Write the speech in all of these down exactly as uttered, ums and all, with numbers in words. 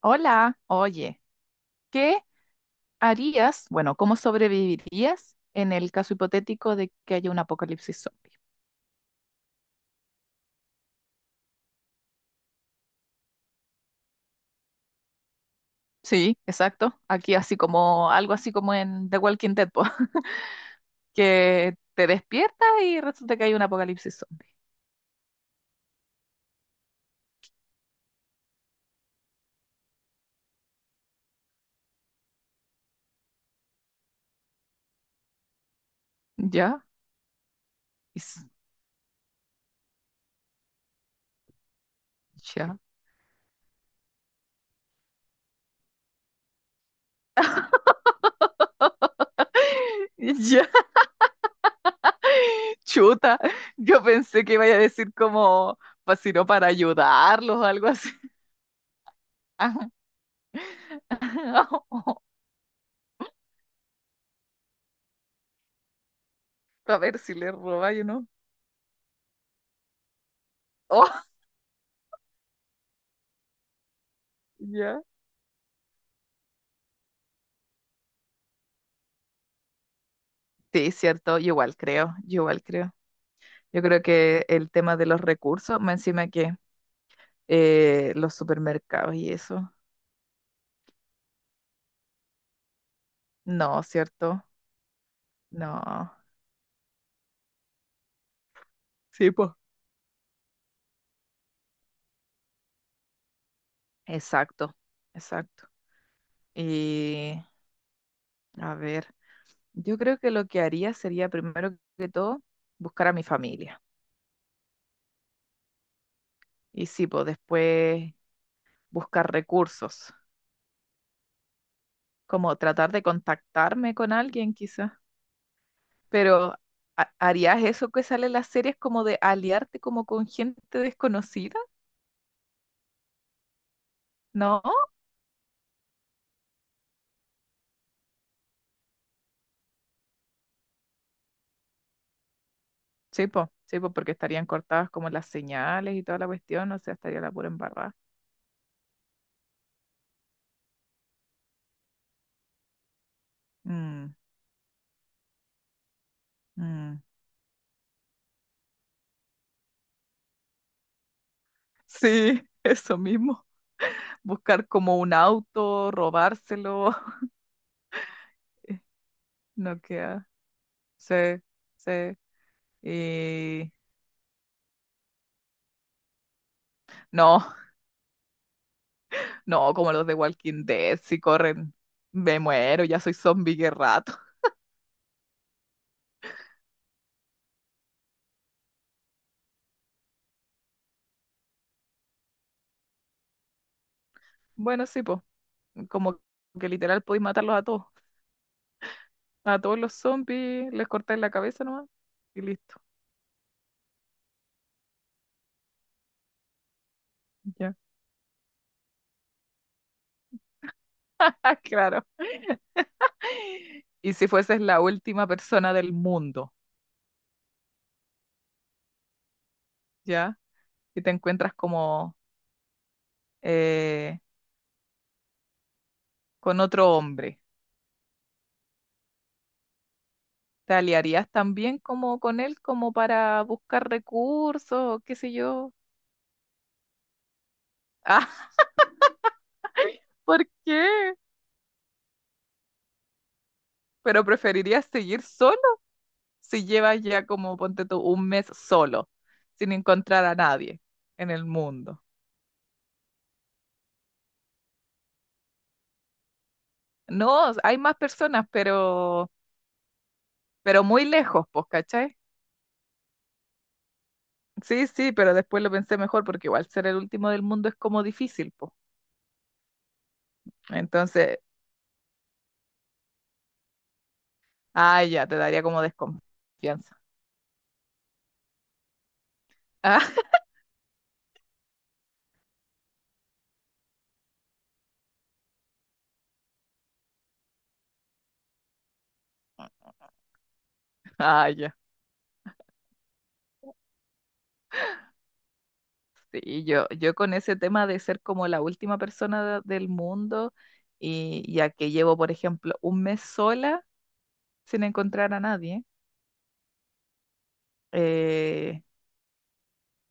Hola, oye, ¿qué harías, bueno, cómo sobrevivirías en el caso hipotético de que haya un apocalipsis zombie? Sí, exacto. Aquí así como, algo así como en The Walking Dead, po, que te despiertas y resulta que hay un apocalipsis zombie. Ya, is- ya, ya, chuta. Yo pensé que iba a decir como, pues si no para ayudarlos o algo así. Ajá. A ver si le roba, yo no. Oh, ya. Sí, cierto, yo igual creo, yo igual creo. Yo creo que el tema de los recursos, más encima que eh, los supermercados y eso. No, cierto, no. Sí, pues. Exacto, exacto. Y a ver, yo creo que lo que haría sería primero que todo buscar a mi familia. Y sí, pues después buscar recursos, como tratar de contactarme con alguien quizás. Pero, ¿ha- ¿harías eso que sale en las series como de aliarte como con gente desconocida? ¿No? Sí, po, sí, po, porque estarían cortadas como las señales y toda la cuestión, o sea, estaría la pura embarrada. Mm, mm. Sí, eso mismo. Buscar como un auto, robárselo, no queda. Sí, sí. Y no, no, como los de Walking Dead, si corren, me muero, ya soy zombie que rato. Bueno, sí, pues, como que literal podéis matarlos a todos, a todos los zombies, les cortáis la cabeza nomás y listo. Ya. Ah, claro. Y si fueses la última persona del mundo, ¿ya? Y te encuentras como eh, con otro hombre, ¿te aliarías también como con él como para buscar recursos, qué sé yo? Ah, ¿por qué? ¿Pero preferirías seguir solo? Si llevas ya como, ponte tú, un mes solo, sin encontrar a nadie en el mundo. No, hay más personas, pero, pero muy lejos, pues, ¿cachai? Sí, sí, pero después lo pensé mejor porque igual ser el último del mundo es como difícil, pues. Entonces, ah, ya, te daría como desconfianza. Ah, ah, ya. Sí, yo, yo con ese tema de ser como la última persona de- del mundo y ya que llevo, por ejemplo, un mes sola sin encontrar a nadie. eh,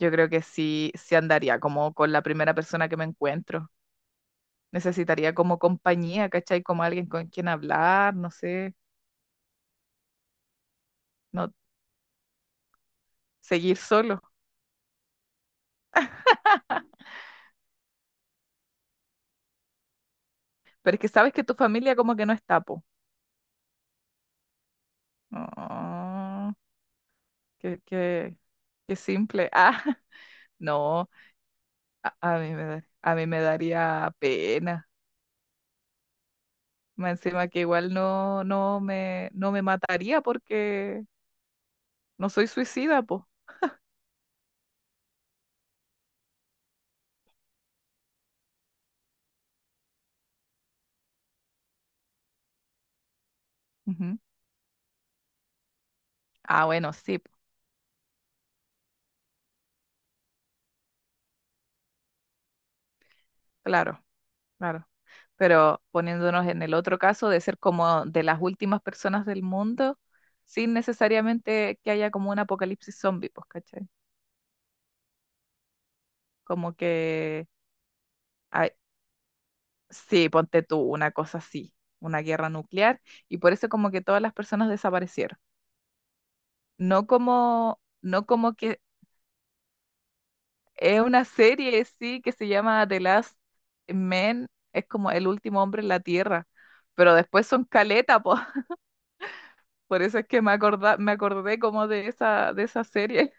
Yo creo que sí, sí andaría como con la primera persona que me encuentro. Necesitaría como compañía, ¿cachai? Como alguien con quien hablar, no sé, no seguir solo. Pero es que sabes que tu familia como que no está, po. No, qué, qué- qué simple. Ah, no, a, a mí me da- a mí me daría pena. Más encima que igual no, no me, no me mataría porque no soy suicida, po. Ujú. Ah, bueno, sí, po. Claro, claro. Pero poniéndonos en el otro caso de ser como de las últimas personas del mundo, sin necesariamente que haya como un apocalipsis zombie, pues, ¿cachai? Como que, ay, sí, ponte tú, una cosa así, una guerra nuclear, y por eso como que todas las personas desaparecieron. No como, no como que es una serie, sí, que se llama The Last Men, es como el último hombre en la Tierra. Pero después son caleta, po. Por eso es que me acorda- me acordé como de esa, de esa serie.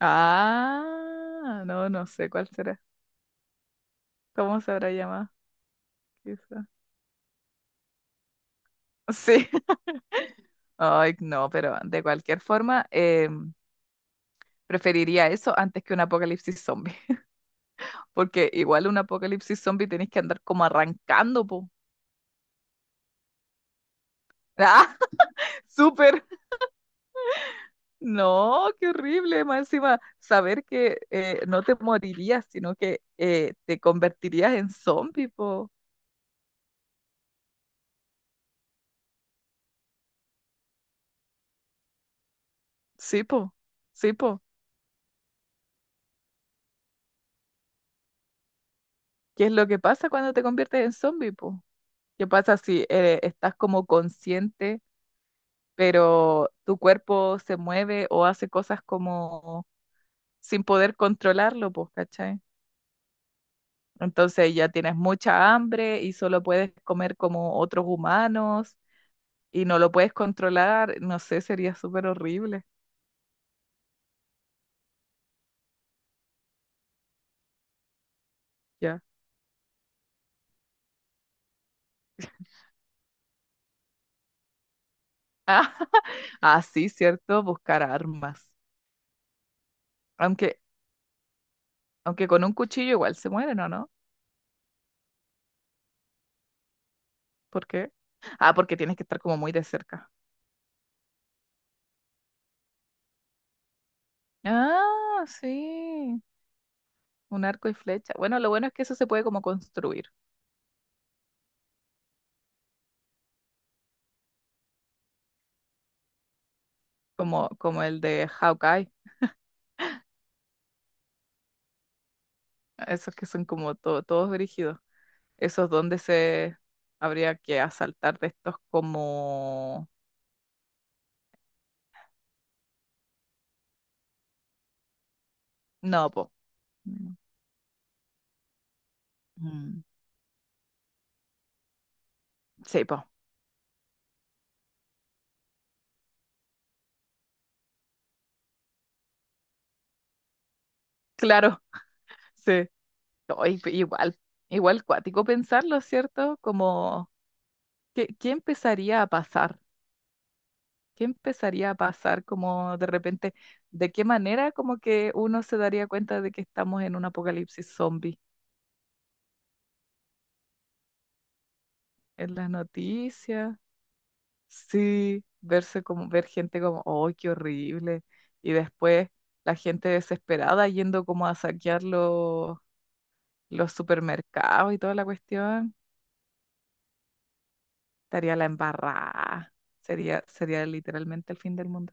Ah, no, no sé cuál será. ¿Cómo se habrá llamado? Quizá. Sí. Ay, no, pero de cualquier forma, eh, preferiría eso antes que un apocalipsis zombie. Porque igual un apocalipsis zombie tenés que andar como arrancando, po. ¡Ah! ¡Súper! No, qué horrible. Más encima, saber que eh, no te morirías, sino que eh, te convertirías en zombie, po. Sí, po. Sí, po. ¿Qué es lo que pasa cuando te conviertes en zombie, po? ¿Qué pasa si eh, estás como consciente, pero tu cuerpo se mueve o hace cosas como sin poder controlarlo, pues, ¿cachai? Entonces ya tienes mucha hambre y solo puedes comer como otros humanos y no lo puedes controlar, no sé, sería súper horrible, ya. Ah, sí, cierto, buscar armas. Aunque, aunque con un cuchillo igual se mueren, ¿o no? ¿Por qué? Ah, porque tienes que estar como muy de cerca. Ah, sí. Un arco y flecha. Bueno, lo bueno es que eso se puede como construir, como, como el de Hawkeye, esos que son como to- todos brígidos. Esos donde se habría que asaltar de estos como... No, po. Mm, mm, sí, po. Claro, sí. Ay, pe- igual, igual cuático pensarlo, ¿cierto? Como, ¿qué, qué empezaría a pasar? ¿Qué empezaría a pasar como de repente? ¿De qué manera como que uno se daría cuenta de que estamos en un apocalipsis zombie? En las noticias, sí, verse como, ver gente como, oh, qué horrible, y después la gente desesperada yendo como a saquear los, los supermercados y toda la cuestión, estaría la embarrada, sería, sería literalmente el fin del mundo.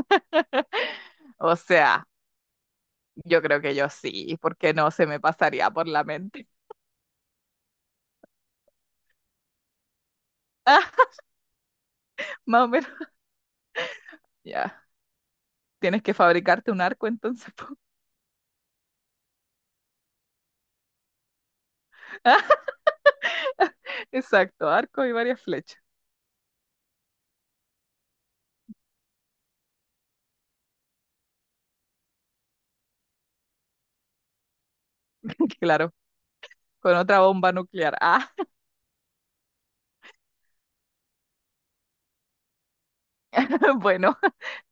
O sea, yo creo que yo sí, porque no se me pasaría por la mente. Ah, más o menos, ya. Tienes que fabricarte un arco entonces, po. Exacto, arco y varias flechas. Claro, con otra bomba nuclear. Ah, bueno,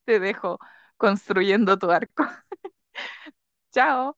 te dejo construyendo tu arco. Chao.